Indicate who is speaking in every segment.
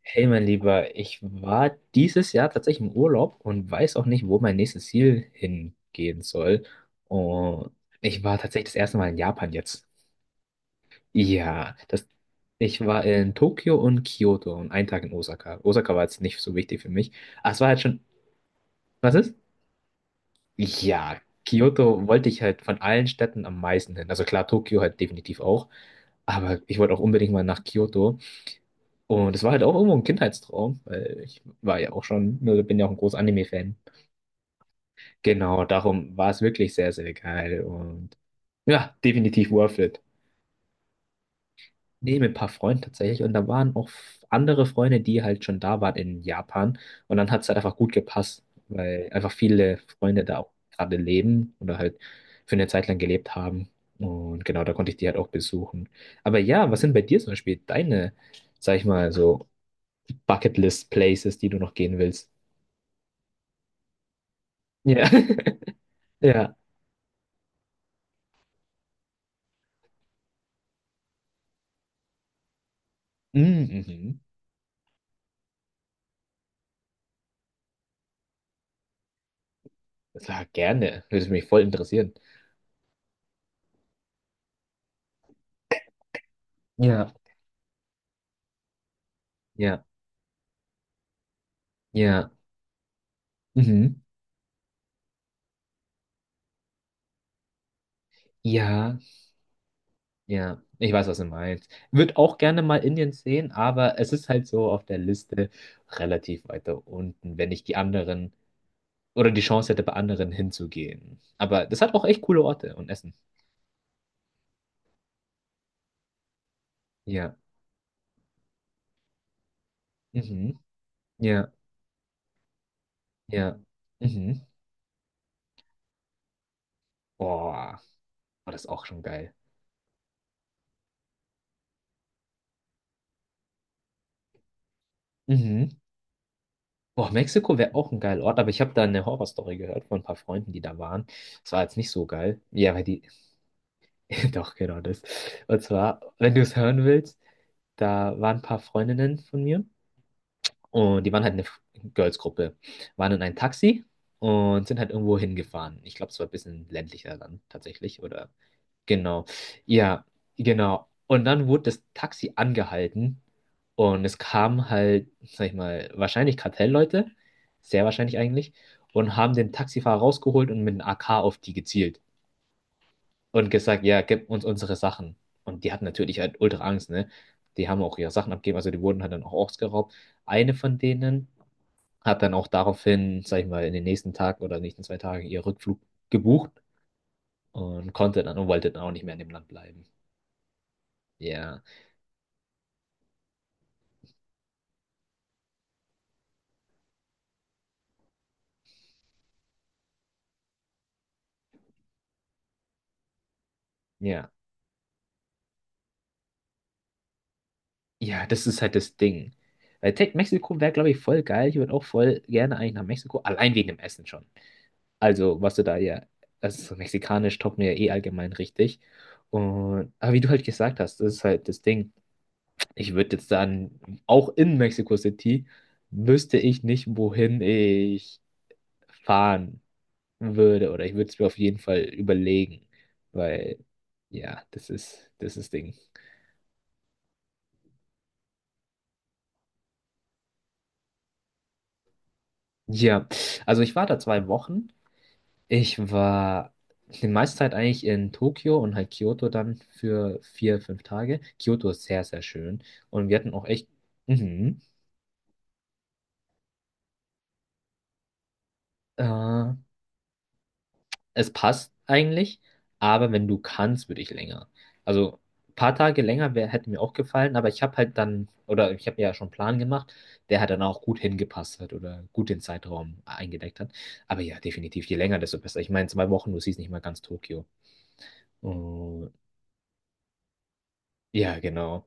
Speaker 1: Hey, mein Lieber, ich war dieses Jahr tatsächlich im Urlaub und weiß auch nicht, wo mein nächstes Ziel hingehen soll. Und ich war tatsächlich das erste Mal in Japan jetzt. Ja, ich war in Tokio und Kyoto und einen Tag in Osaka. Osaka war jetzt nicht so wichtig für mich. Ah, es war halt schon. Was ist? Ja, Kyoto wollte ich halt von allen Städten am meisten hin. Also klar, Tokio halt definitiv auch. Aber ich wollte auch unbedingt mal nach Kyoto. Und es war halt auch irgendwo ein Kindheitstraum, weil ich war ja auch schon, ne, bin ja auch ein großer Anime-Fan. Genau, darum war es wirklich sehr, sehr geil und ja, definitiv worth it. Nee, mit ein paar Freunden tatsächlich und da waren auch andere Freunde, die halt schon da waren in Japan und dann hat es halt einfach gut gepasst, weil einfach viele Freunde da auch gerade leben oder halt für eine Zeit lang gelebt haben und genau, da konnte ich die halt auch besuchen. Aber ja, was sind bei dir zum Beispiel deine, sag ich mal, so Bucketlist-Places, die du noch gehen willst? Ja. Ja. Mm, mhm. Sag gerne. Würde mich voll interessieren. Ja. Ja. Ja. Mhm. Ja. Ja. Ich weiß, was du meinst. Würde auch gerne mal Indien sehen, aber es ist halt so auf der Liste relativ weiter unten, wenn ich die anderen oder die Chance hätte, bei anderen hinzugehen. Aber das hat auch echt coole Orte und Essen. Ja. Mhm. Ja. Ja. Mhm. Boah. War das ist auch schon geil. Mhm. Boah, Mexiko wäre auch ein geiler Ort, aber ich habe da eine Horrorstory gehört von ein paar Freunden, die da waren. Es war jetzt nicht so geil. Ja, weil die. Doch, genau das. Und zwar, wenn du es hören willst, da waren ein paar Freundinnen von mir und die waren halt eine Girls-Gruppe. Waren in ein Taxi und sind halt irgendwo hingefahren. Ich glaube, es war ein bisschen ländlicher dann tatsächlich oder genau. Ja, genau. Und dann wurde das Taxi angehalten und es kamen halt, sag ich mal, wahrscheinlich Kartellleute, sehr wahrscheinlich eigentlich, und haben den Taxifahrer rausgeholt und mit einem AK auf die gezielt und gesagt, ja, gib uns unsere Sachen. Und die hatten natürlich halt ultra Angst, ne? Die haben auch ihre Sachen abgegeben, also die wurden halt dann auch ausgeraubt. Eine von denen hat dann auch daraufhin, sag ich mal, in den nächsten Tag oder nächsten 2 Tagen ihren Rückflug gebucht und konnte dann und wollte dann auch nicht mehr in dem Land bleiben. Ja. Ja. Ja, das ist halt das Ding. Weil Tech Mexiko wäre, glaube ich, voll geil. Ich würde auch voll gerne eigentlich nach Mexiko, allein wegen dem Essen schon. Also, was du da ja, also mexikanisch taugt mir ja eh allgemein richtig. Und, aber wie du halt gesagt hast, das ist halt das Ding. Ich würde jetzt dann, auch in Mexico City, wüsste ich nicht, wohin ich fahren würde. Oder ich würde es mir auf jeden Fall überlegen. Weil, ja, das ist, das ist das Ding. Ja, also ich war da 2 Wochen. Ich war die meiste Zeit eigentlich in Tokio und halt Kyoto dann für 4, 5 Tage. Kyoto ist sehr, sehr schön. Und wir hatten auch echt, mhm, äh, es passt eigentlich, aber wenn du kannst, würde ich länger. Also ein paar Tage länger wär, hätte mir auch gefallen, aber ich habe halt dann, oder ich habe ja schon einen Plan gemacht, der hat dann auch gut hingepasst hat oder gut den Zeitraum eingedeckt hat. Aber ja, definitiv, je länger, desto besser. Ich meine, 2 Wochen, du siehst nicht mal ganz Tokio. Und ja, genau.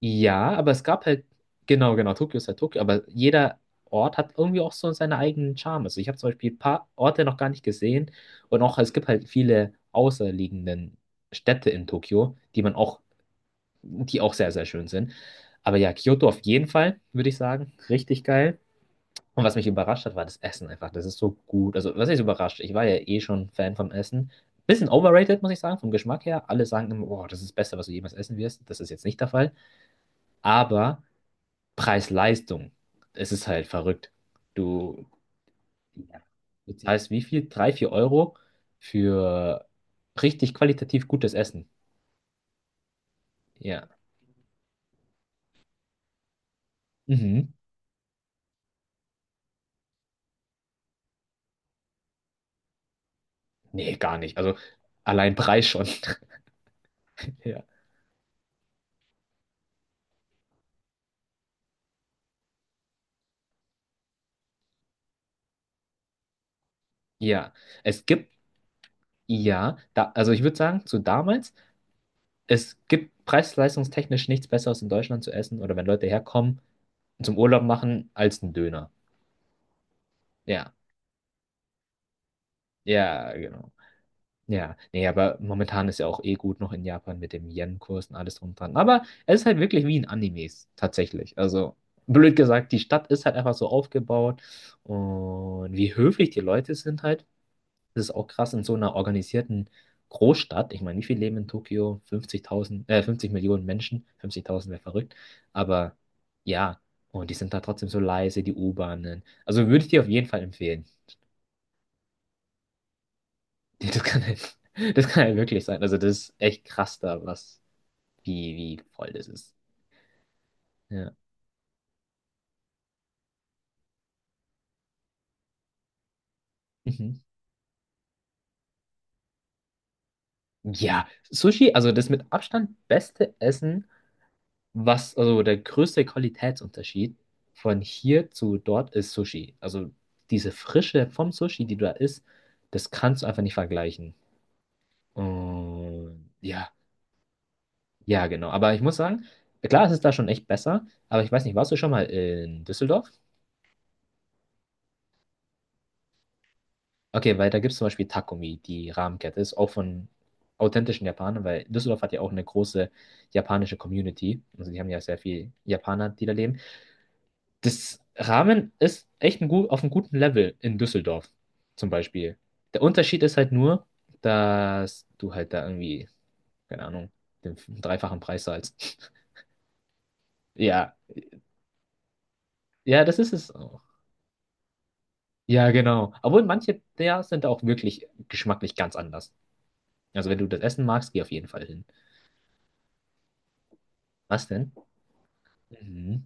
Speaker 1: Ja, aber es gab halt, genau, genau, Tokio ist halt Tokio, aber jeder Ort hat irgendwie auch so seinen eigenen Charme. Also ich habe zum Beispiel ein paar Orte noch gar nicht gesehen und auch es gibt halt viele außerliegenden Städte in Tokio, die man auch, die auch sehr, sehr schön sind. Aber ja, Kyoto auf jeden Fall, würde ich sagen, richtig geil. Und was mich überrascht hat, war das Essen einfach. Das ist so gut. Also, was ist überrascht? Ich war ja eh schon Fan vom Essen. Bisschen overrated, muss ich sagen, vom Geschmack her. Alle sagen immer, oh, das ist das Beste, was du jemals essen wirst. Das ist jetzt nicht der Fall. Aber Preis-Leistung. Es ist halt verrückt. Du, ja, bezahlst wie viel? 3, 4 Euro für richtig qualitativ gutes Essen. Ja. Mhm. Nee, gar nicht. Also allein Preis schon. Ja. Ja. Es gibt, ja, da, also ich würde sagen, zu damals, es gibt preis-leistungstechnisch nichts Besseres in Deutschland zu essen oder wenn Leute herkommen und zum Urlaub machen als ein Döner. Ja. Ja, genau. Ja, nee, aber momentan ist ja auch eh gut noch in Japan mit dem Yen-Kurs und alles drum und dran. Aber es ist halt wirklich wie in Animes, tatsächlich. Also, blöd gesagt, die Stadt ist halt einfach so aufgebaut und wie höflich die Leute sind halt. Das ist auch krass in so einer organisierten Großstadt. Ich meine, wie viele leben in Tokio? 50.000, 50 Millionen Menschen. 50.000 wäre verrückt. Aber ja, und die sind da trotzdem so leise, die U-Bahnen. Also würde ich dir auf jeden Fall empfehlen. Ja, das kann halt, das kann halt wirklich sein. Also das ist echt krass da, was, wie, wie voll das ist. Ja. Mhm. Ja, Sushi, also das mit Abstand beste Essen, was, also der größte Qualitätsunterschied von hier zu dort ist Sushi. Also diese Frische vom Sushi, die da ist, das kannst du einfach nicht vergleichen. Und ja, ja, genau. Aber ich muss sagen, klar, es ist da schon echt besser, aber ich weiß nicht, warst du schon mal in Düsseldorf? Okay, weil da gibt es zum Beispiel Takumi, die Rahmenkette, ist auch von authentischen Japanern, weil Düsseldorf hat ja auch eine große japanische Community. Also die haben ja sehr viel Japaner, die da leben. Das Ramen ist echt ein gut, auf einem guten Level in Düsseldorf zum Beispiel. Der Unterschied ist halt nur, dass du halt da irgendwie, keine Ahnung, den dreifachen Preis zahlst. Ja, ja, das ist es auch. Ja, genau. Obwohl manche der sind auch wirklich geschmacklich ganz anders. Also wenn du das Essen magst, geh auf jeden Fall hin. Was denn? Mhm.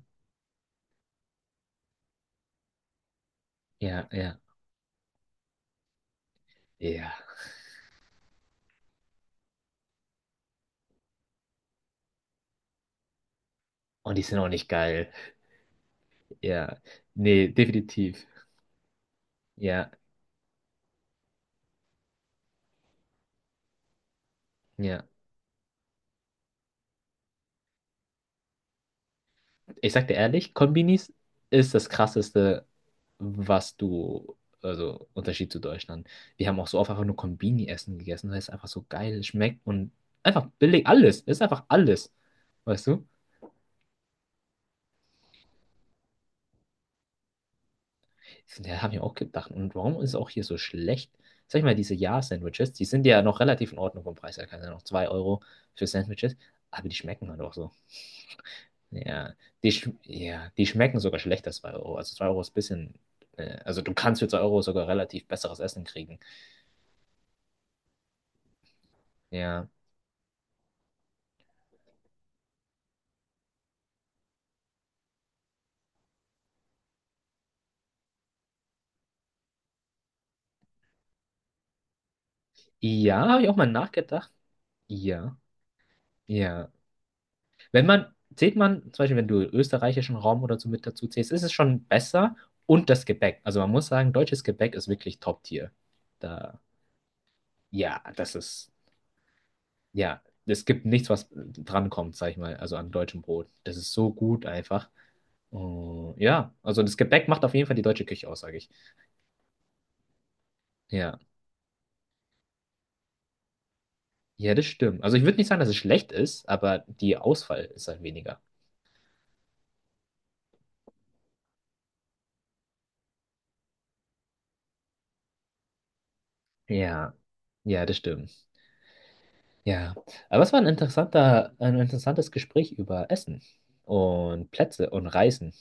Speaker 1: Ja, ja, ja. Und die sind auch nicht geil. Ja, nee, definitiv. Ja, ja. Ich sag dir ehrlich, Konbinis ist das Krasseste, was du, also Unterschied zu Deutschland. Wir haben auch so oft einfach nur Konbini-Essen gegessen, weil es einfach so geil schmeckt und einfach billig alles. Es ist einfach alles. Weißt du? Ja, habe ich auch gedacht. Und warum ist es auch hier so schlecht? Sag ich mal, diese Ja-Sandwiches, die sind ja noch relativ in Ordnung vom Preis her. Keine Ahnung, 2 Euro für Sandwiches, aber die schmecken halt auch so. Ja, die, sch ja, die schmecken sogar schlechter, als 2 Euro. Also 2 Euro ist ein bisschen, also du kannst für 2 Euro sogar relativ besseres Essen kriegen. Ja, ja, habe ich auch mal nachgedacht. Ja, ja. Wenn man, zählt man, zum Beispiel, wenn du österreichischen Raum oder so mit dazu zählst, ist es schon besser. Und das Gebäck. Also man muss sagen, deutsches Gebäck ist wirklich Top-Tier. Da, ja, das ist, ja, es gibt nichts, was drankommt, sag ich mal, also an deutschem Brot. Das ist so gut einfach. Oh, ja, also das Gebäck macht auf jeden Fall die deutsche Küche aus, sage ich. Ja, ja, das stimmt. Also ich würde nicht sagen, dass es schlecht ist, aber die Auswahl ist halt weniger. Ja, ja, das stimmt. Ja, aber es war ein interessanter, ein interessantes Gespräch über Essen und Plätze und Reisen.